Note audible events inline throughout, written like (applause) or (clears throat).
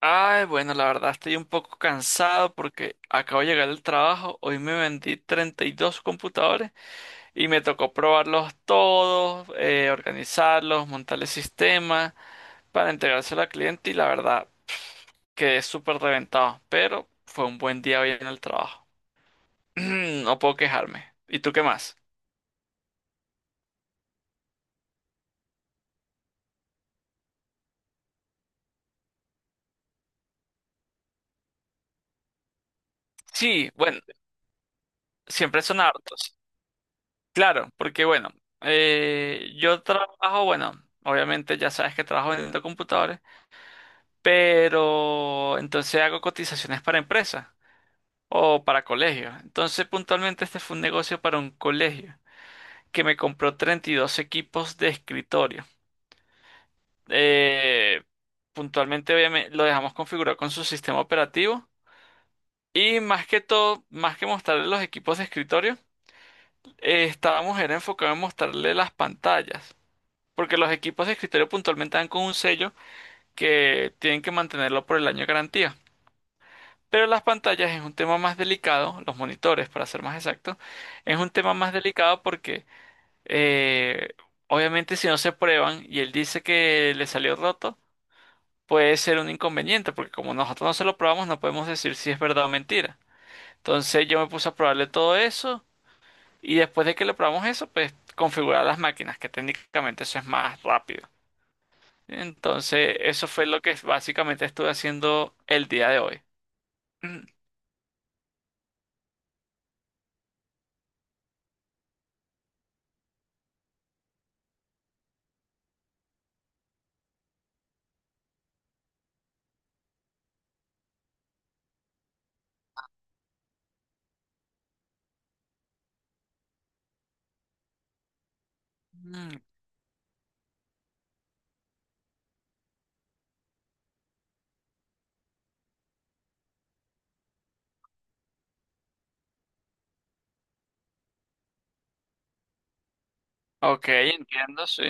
Ay, bueno, la verdad estoy un poco cansado porque acabo de llegar del trabajo. Hoy me vendí 32 computadores y me tocó probarlos todos, organizarlos, montar el sistema para entregárselo al cliente y la verdad quedé súper reventado. Pero fue un buen día hoy en el trabajo. (clears throat) No puedo quejarme. ¿Y tú qué más? Sí, bueno, siempre son hartos. Claro, porque bueno, yo trabajo, bueno, obviamente ya sabes que trabajo vendiendo computadores. Pero entonces hago cotizaciones para empresas o para colegios. Entonces, puntualmente este fue un negocio para un colegio que me compró 32 equipos de escritorio. Eh, Puntualmente, obviamente, lo dejamos configurado con su sistema operativo. Y más que todo, más que mostrarle los equipos de escritorio, estábamos era enfocado en mostrarle las pantallas. Porque los equipos de escritorio puntualmente dan con un sello que tienen que mantenerlo por el año de garantía. Pero las pantallas es un tema más delicado, los monitores, para ser más exacto, es un tema más delicado porque eh, obviamente si no se prueban y él dice que le salió roto, puede ser un inconveniente, porque como nosotros no se lo probamos, no podemos decir si es verdad o mentira. Entonces yo me puse a probarle todo eso y después de que le probamos eso, pues configurar las máquinas, que técnicamente eso es más rápido. Entonces eso fue lo que básicamente estuve haciendo el día de hoy. (clears throat) Mm, ok, entiendo, sí.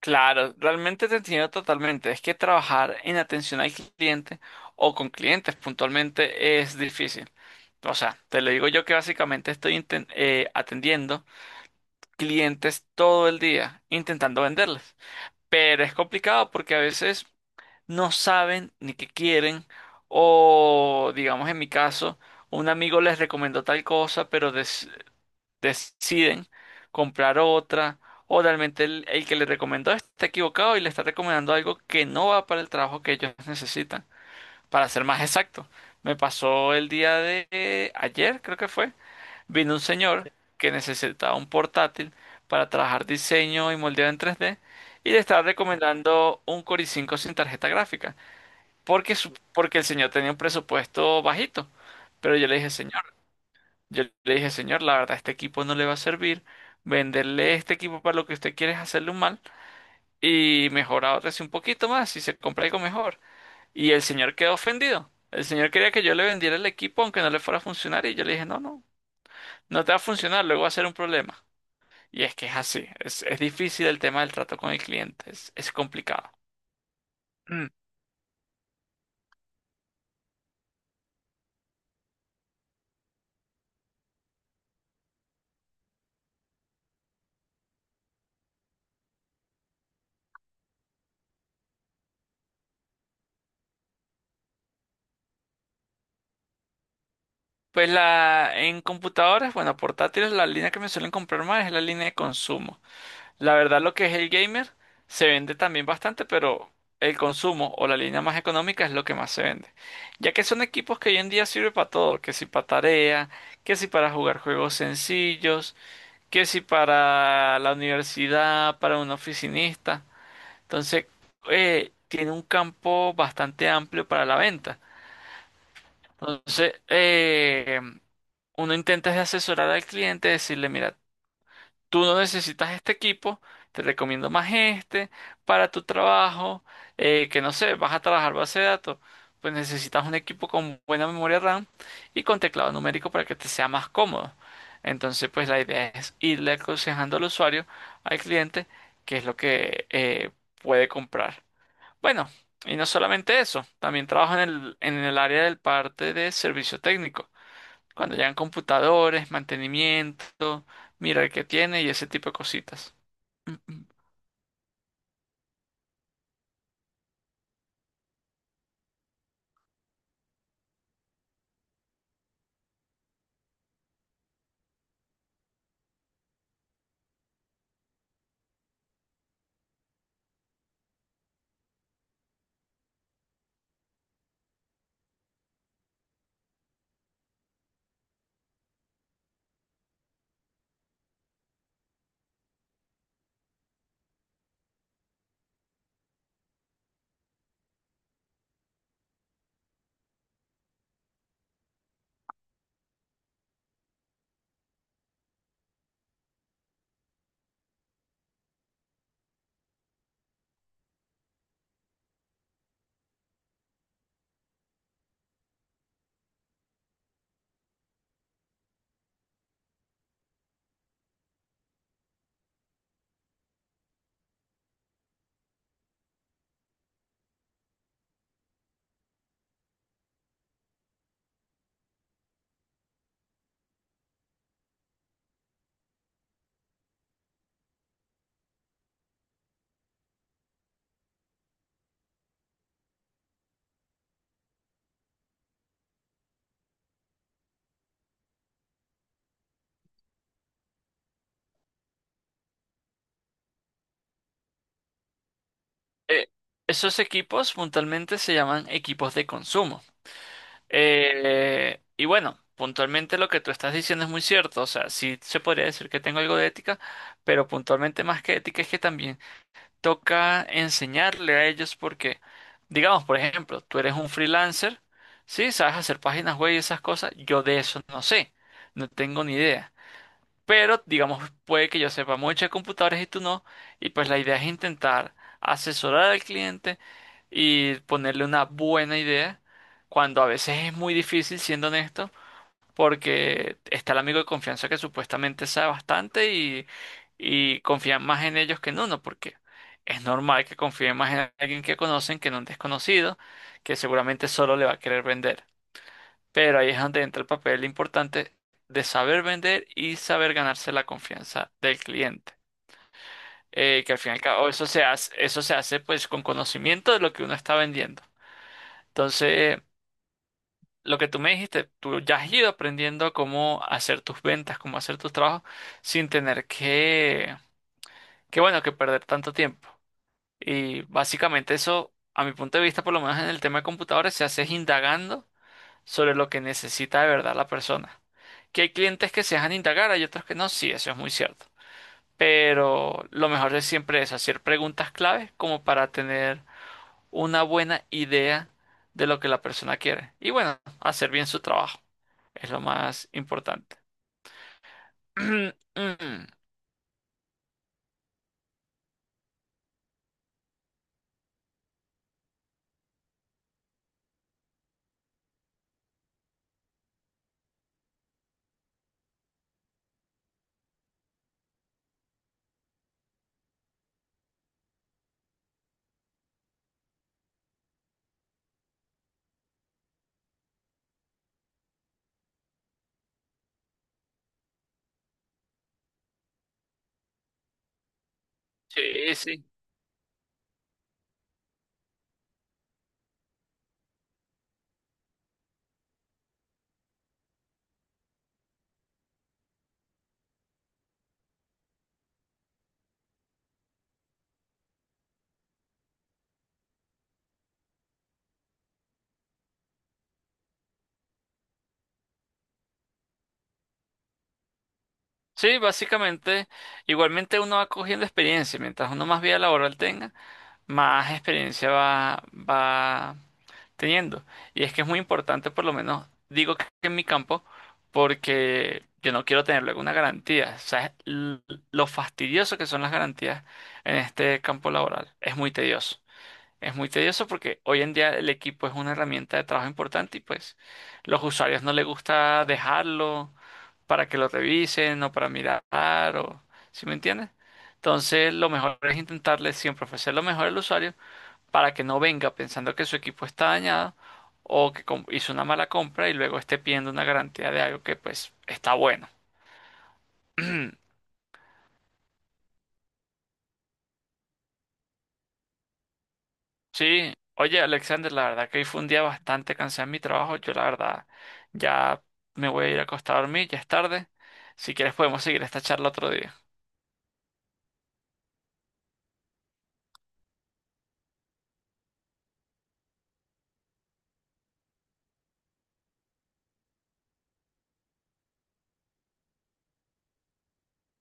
Claro, realmente te entiendo totalmente. Es que trabajar en atención al cliente o con clientes puntualmente es difícil. O sea, te lo digo yo que básicamente estoy atendiendo clientes todo el día, intentando venderles. Pero es complicado porque a veces no saben ni qué quieren o, digamos, en mi caso, un amigo les recomendó tal cosa, pero des deciden comprar otra o realmente el que le recomendó está equivocado y le está recomendando algo que no va para el trabajo que ellos necesitan. Para ser más exacto, me pasó el día de ayer, creo que fue, vino un señor que necesitaba un portátil para trabajar diseño y moldeado en 3D y le estaba recomendando un Core i5 sin tarjeta gráfica porque el señor tenía un presupuesto bajito. Pero yo le dije, señor, yo le dije, señor, la verdad, este equipo no le va a servir. Venderle este equipo para lo que usted quiere es hacerle un mal y mejorar otro así un poquito más y se compra algo mejor. Y el señor quedó ofendido. El señor quería que yo le vendiera el equipo aunque no le fuera a funcionar y yo le dije, no, no, no te va a funcionar, luego va a ser un problema. Y es que es así, es difícil el tema del trato con el cliente, es complicado. Mm. Pues en computadoras, bueno, portátiles, la línea que me suelen comprar más es la línea de consumo. La verdad, lo que es el gamer se vende también bastante, pero el consumo o la línea más económica es lo que más se vende. Ya que son equipos que hoy en día sirven para todo, que si para tarea, que si para jugar juegos sencillos, que si para la universidad, para un oficinista. Entonces, tiene un campo bastante amplio para la venta. Entonces, uno intenta es asesorar al cliente, decirle, mira, tú no necesitas este equipo, te recomiendo más este para tu trabajo, que no sé, vas a trabajar base de datos, pues necesitas un equipo con buena memoria RAM y con teclado numérico para que te sea más cómodo. Entonces, pues la idea es irle aconsejando al usuario, al cliente, qué es lo que puede comprar. Bueno, y no solamente eso, también trabajo en el área del parte de servicio técnico. Cuando llegan computadores, mantenimiento, mira el que tiene y ese tipo de cositas. Mm, mm. eh, Esos equipos puntualmente se llaman equipos de consumo. Y bueno, puntualmente lo que tú estás diciendo es muy cierto. O sea, sí se podría decir que tengo algo de ética, pero puntualmente más que ética es que también toca enseñarle a ellos porque, digamos, por ejemplo, tú eres un freelancer, sí, sabes hacer páginas web y esas cosas. Yo de eso no sé, no tengo ni idea. Pero, digamos, puede que yo sepa mucho de computadores y tú no. Y pues la idea es intentar asesorar al cliente y ponerle una buena idea, cuando a veces es muy difícil, siendo honesto, porque está el amigo de confianza que supuestamente sabe bastante y confían más en ellos que en uno, porque es normal que confíen más en alguien que conocen que en un desconocido, que seguramente solo le va a querer vender. Pero ahí es donde entra el papel importante de saber vender y saber ganarse la confianza del cliente. Que al fin y al cabo eso se hace pues con conocimiento de lo que uno está vendiendo. Entonces, lo que tú me dijiste, tú ya has ido aprendiendo cómo hacer tus ventas, cómo hacer tus trabajos sin tener que bueno, que perder tanto tiempo. Y básicamente eso, a mi punto de vista, por lo menos en el tema de computadores, se hace es indagando sobre lo que necesita de verdad la persona. Que hay clientes que se dejan indagar, hay otros que no, sí, eso es muy cierto. Pero lo mejor es siempre es hacer preguntas clave como para tener una buena idea de lo que la persona quiere. Y bueno, hacer bien su trabajo es lo más importante. (clears throat) Sí, sí. Sí, básicamente, igualmente uno va cogiendo experiencia. Mientras uno más vida laboral tenga, más experiencia va teniendo. Y es que es muy importante, por lo menos, digo que en mi campo, porque yo no quiero tener luego una garantía. ¿Sabes lo fastidioso que son las garantías en este campo laboral? Es muy tedioso. Es muy tedioso porque hoy en día el equipo es una herramienta de trabajo importante y pues los usuarios no les gusta dejarlo para que lo revisen o para mirar o... ¿Sí me entiendes? Entonces lo mejor es intentarle siempre ofrecer lo mejor al usuario para que no venga pensando que su equipo está dañado o que hizo una mala compra y luego esté pidiendo una garantía de algo que pues está bueno. (clears throat) Sí, oye Alexander, la verdad que hoy fue un día bastante cansado en mi trabajo. Yo la verdad ya me voy a ir a acostar a dormir, ya es tarde. Si quieres podemos seguir esta charla otro día.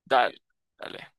Dale, dale.